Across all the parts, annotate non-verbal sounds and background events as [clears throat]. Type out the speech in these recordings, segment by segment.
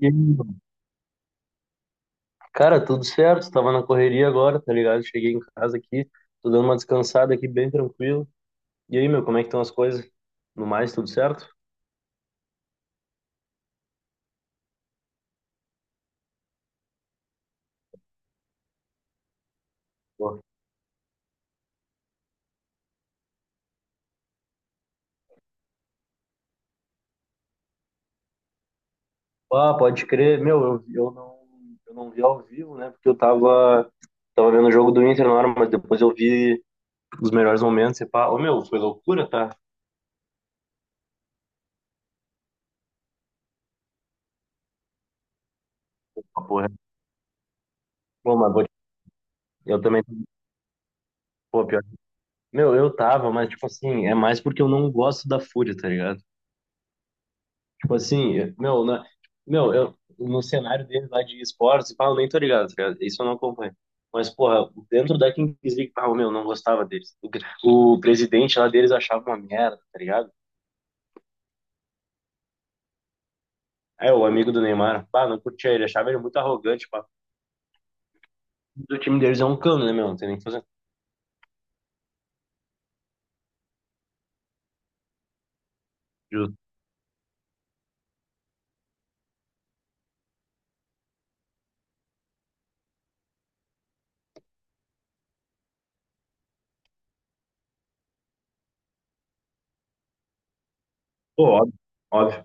E aí, mano? Cara, tudo certo, tava na correria agora, tá ligado? Cheguei em casa aqui, tô dando uma descansada aqui, bem tranquilo. E aí, meu, como é que estão as coisas? No mais, tudo certo? Pô. Ah, pode crer, meu, eu não vi ao vivo, né? Porque eu tava vendo o jogo do Inter na hora, mas depois eu vi os melhores momentos e pá, ô meu, foi loucura, tá? Ah, porra. Pô, mas eu também, pô, pior. Meu, eu tava, mas tipo assim, é mais porque eu não gosto da Fúria, tá ligado? Tipo assim, meu, no cenário deles lá de esportes, pá, eu nem tô ligado, tá ligado? Isso eu não acompanho. Mas, porra, dentro da Kings League, pá, meu, não gostava deles. O presidente lá deles achava uma merda, tá ligado? É, o amigo do Neymar, pá, não curtia ele, achava ele muito arrogante, pá. O time deles é um cano, né, meu? Não tem nem o que fazer. Justo. Pô, óbvio, óbvio.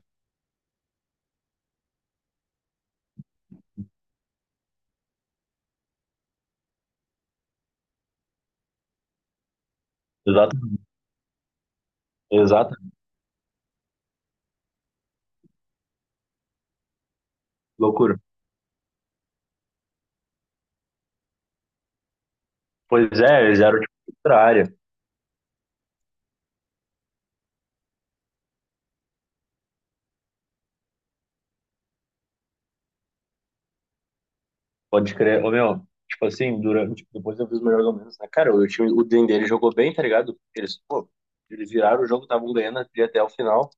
Exato, exato. Loucura. Pois é, eles eram, tipo, outra área. Pode crer. Ô, meu, tipo assim, durante, depois eu vi os melhores momentos, né? Cara, o time, o Dendê, ele jogou bem, tá ligado? Eles viraram o jogo, estavam ganhando ali até o final.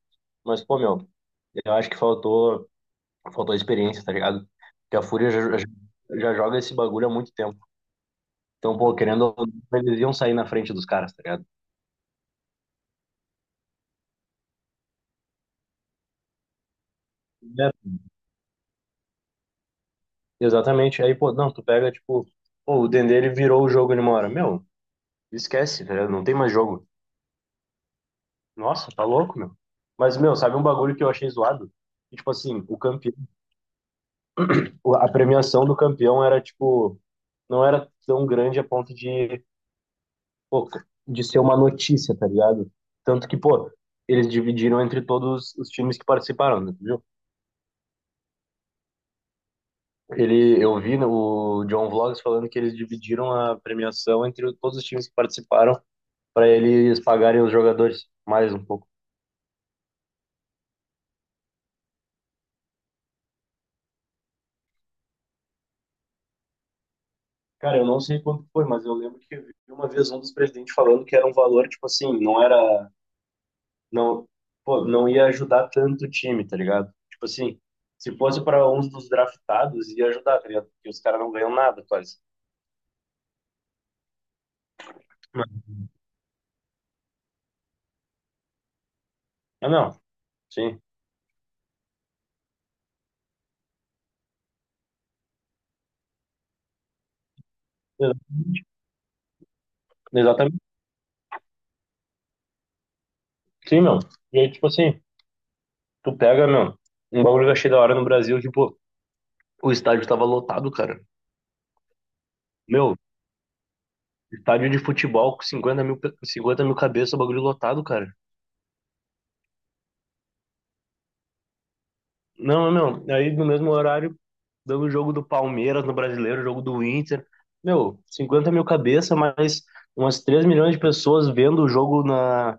Mas, pô, meu, eu acho que faltou experiência, tá ligado? Porque a Fúria já joga esse bagulho há muito tempo. Então, pô, querendo, ou não, eles iam sair na frente dos caras, tá ligado? É, exatamente. Aí, pô, não, tu pega, tipo, pô, o Dendê, ele virou o jogo, ele mora. Meu, esquece, tá ligado? Não tem mais jogo. Nossa, tá louco, meu. Mas, meu, sabe um bagulho que eu achei zoado? Que, tipo assim, o campeão, a premiação do campeão era, tipo, não era tão grande a ponto de, pô, de ser uma notícia, tá ligado? Tanto que, pô, eles dividiram entre todos os times que participaram, né, tu viu? Eu vi o John Vlogs falando que eles dividiram a premiação entre todos os times que participaram para eles pagarem os jogadores mais um pouco. Cara, eu não sei quanto foi, mas eu lembro que eu vi uma vez um dos presidentes falando que era um valor, tipo assim, não era, não, pô, não ia ajudar tanto o time, tá ligado? Tipo assim, se fosse para uns dos draftados, ia ajudar, tá ligado? Porque os caras não ganham nada quase. Mas- Ah, não, sim, Ex- exatamente, sim, meu. E aí, tipo assim, tu pega, meu, um bagulho que eu achei da hora no Brasil, que, pô, o estádio tava lotado, cara. Meu, estádio de futebol com 50 mil cabeças, o bagulho lotado, cara. Não, não, não. Aí no mesmo horário, dando o jogo do Palmeiras no Brasileiro, o jogo do Inter. Meu, 50 mil cabeça, mas umas 3 milhões de pessoas vendo o jogo na,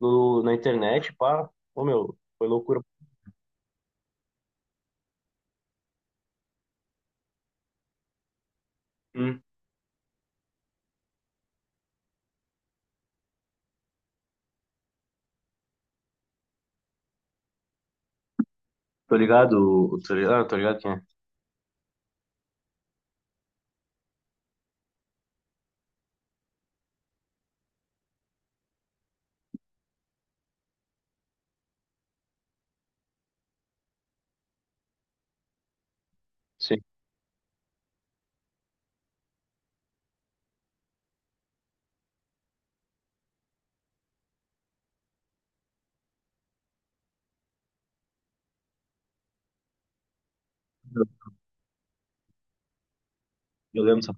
no- na internet, pá. Ô, meu, foi loucura. Hum, tô ligado, tô ligado, ah, tô ligado quem é. Sim, eu eu lembro, só.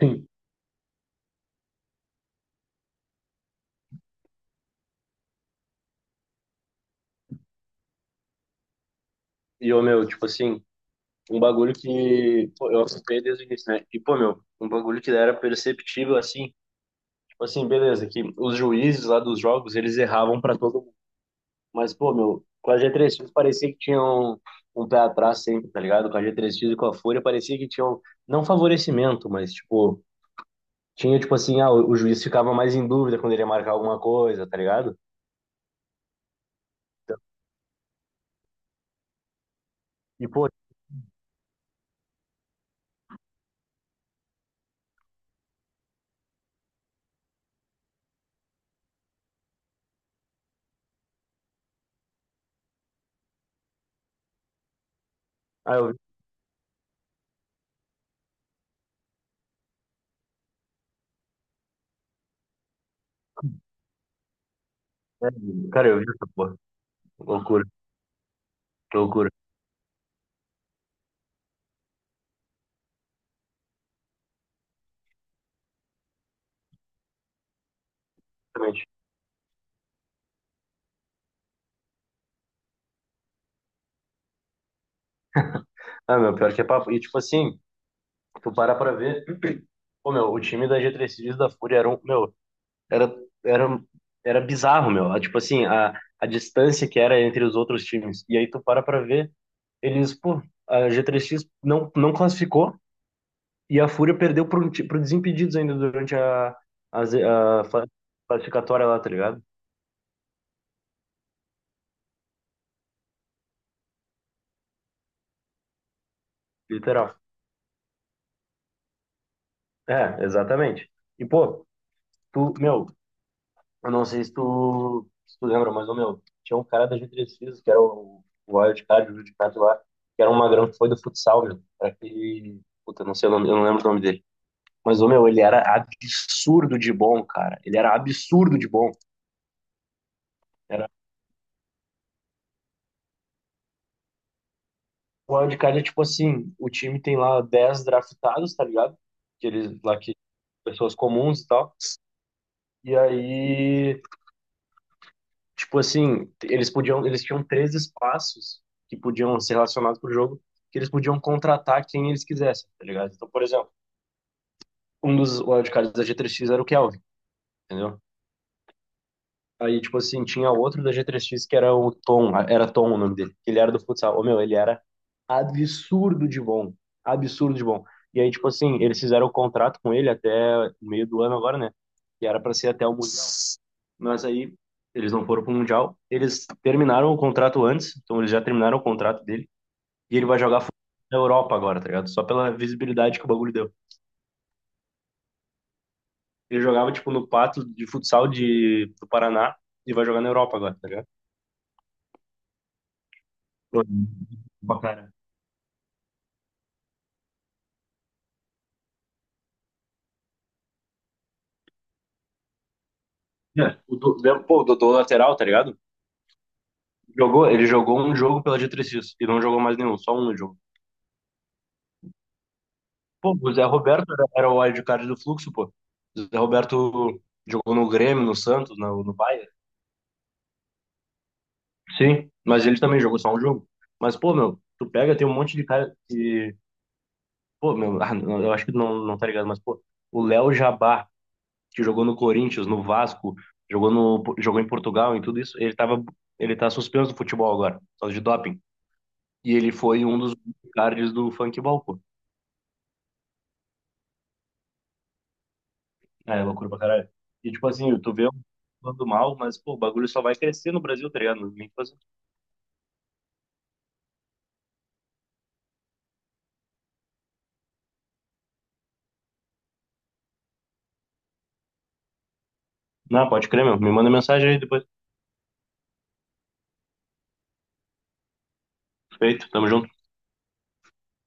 Sim. E, ô, meu, tipo assim, um bagulho que pô, eu acompanhei desde o início, né? E, pô, meu, um bagulho que era perceptível, assim, tipo assim, beleza, que os juízes lá dos jogos, eles erravam pra todo. Mas, pô, meu, com a G três X parecia que tinha um pé atrás sempre, tá ligado? Com a G três X e com a Fúria parecia que tinha um, não favorecimento, mas, tipo, tinha, tipo assim, ah, o juiz ficava mais em dúvida quando ele ia marcar alguma coisa, tá ligado? E, pô, ah, eu vi, é, cara, eu vi essa porra. Loucura, que loucura. Realmente. Ah, meu, pior que é papo. E, tipo assim, tu para pra ver, [clears throat] pô, meu, o time da G três X e da Fúria era um, meu. Era, era, era bizarro, meu. Ah, tipo assim, a distância que era entre os outros times. E aí tu para pra ver, eles, pô, a G3X não classificou e a Fúria perdeu pro Desimpedidos ainda durante a classificatória lá, tá ligado? Literal. É, exatamente. E, pô, tu, meu, eu não sei se tu lembra, mas, ô, meu, tinha um cara da G3X, que era o Wild Card, o Wild Card lá, que era um magrão que foi do futsal, meu. Era aquele. Puta, não sei o nome, eu não lembro o nome dele. Mas, ô, meu, ele era absurdo de bom, cara. Ele era absurdo de bom. Era... O Wild Card é tipo assim: o time tem lá 10 draftados, tá ligado? Aqueles lá que. Pessoas comuns e tal. E aí, tipo assim, eles tinham três espaços que podiam ser relacionados pro jogo, que eles podiam contratar quem eles quisessem, tá ligado? Então, por exemplo, um dos wildcards da G3X era o Kelvin, entendeu? Aí, tipo assim, tinha outro da G3X que era o Tom, era Tom o nome dele. Ele era do futsal. Ô, meu, ele era absurdo de bom. Absurdo de bom. E aí, tipo assim, eles fizeram o contrato com ele até meio do ano agora, né? Que era pra ser até o Mundial. Mas aí, eles não foram pro Mundial. Eles terminaram o contrato antes, então eles já terminaram o contrato dele. E ele vai jogar futsal na Europa agora, tá ligado? Só pela visibilidade que o bagulho deu. Ele jogava, tipo, no Pato de futsal do Paraná e vai jogar na Europa agora, tá ligado? Pô, pra cara. É, pô, o Dodô lateral, tá ligado? Ele jogou um jogo pela diretriz e não jogou mais nenhum, só um no jogo. Pô, o Zé Roberto era o wildcard do Fluxo, pô. O Zé Roberto jogou no Grêmio, no Santos, no Bayern. Sim, mas ele também jogou só um jogo. Mas, pô, meu, tu pega, tem um monte de cara que. Pô, meu, ah, não, eu acho que não, não tá ligado, mas, pô, o Léo Jabá, que jogou no Corinthians, no Vasco, jogou, no, jogou em Portugal, em tudo isso, ele tá suspenso do futebol agora, por causa de doping. E ele foi um dos cards do Funk Balcão. É, loucura pra caralho. E tipo assim, tu vê um falando mal, mas pô, o bagulho só vai crescer no Brasil, tá ligado? Nem fazer. Não, pode crer, meu. Me manda mensagem aí depois. Feito, tamo junto.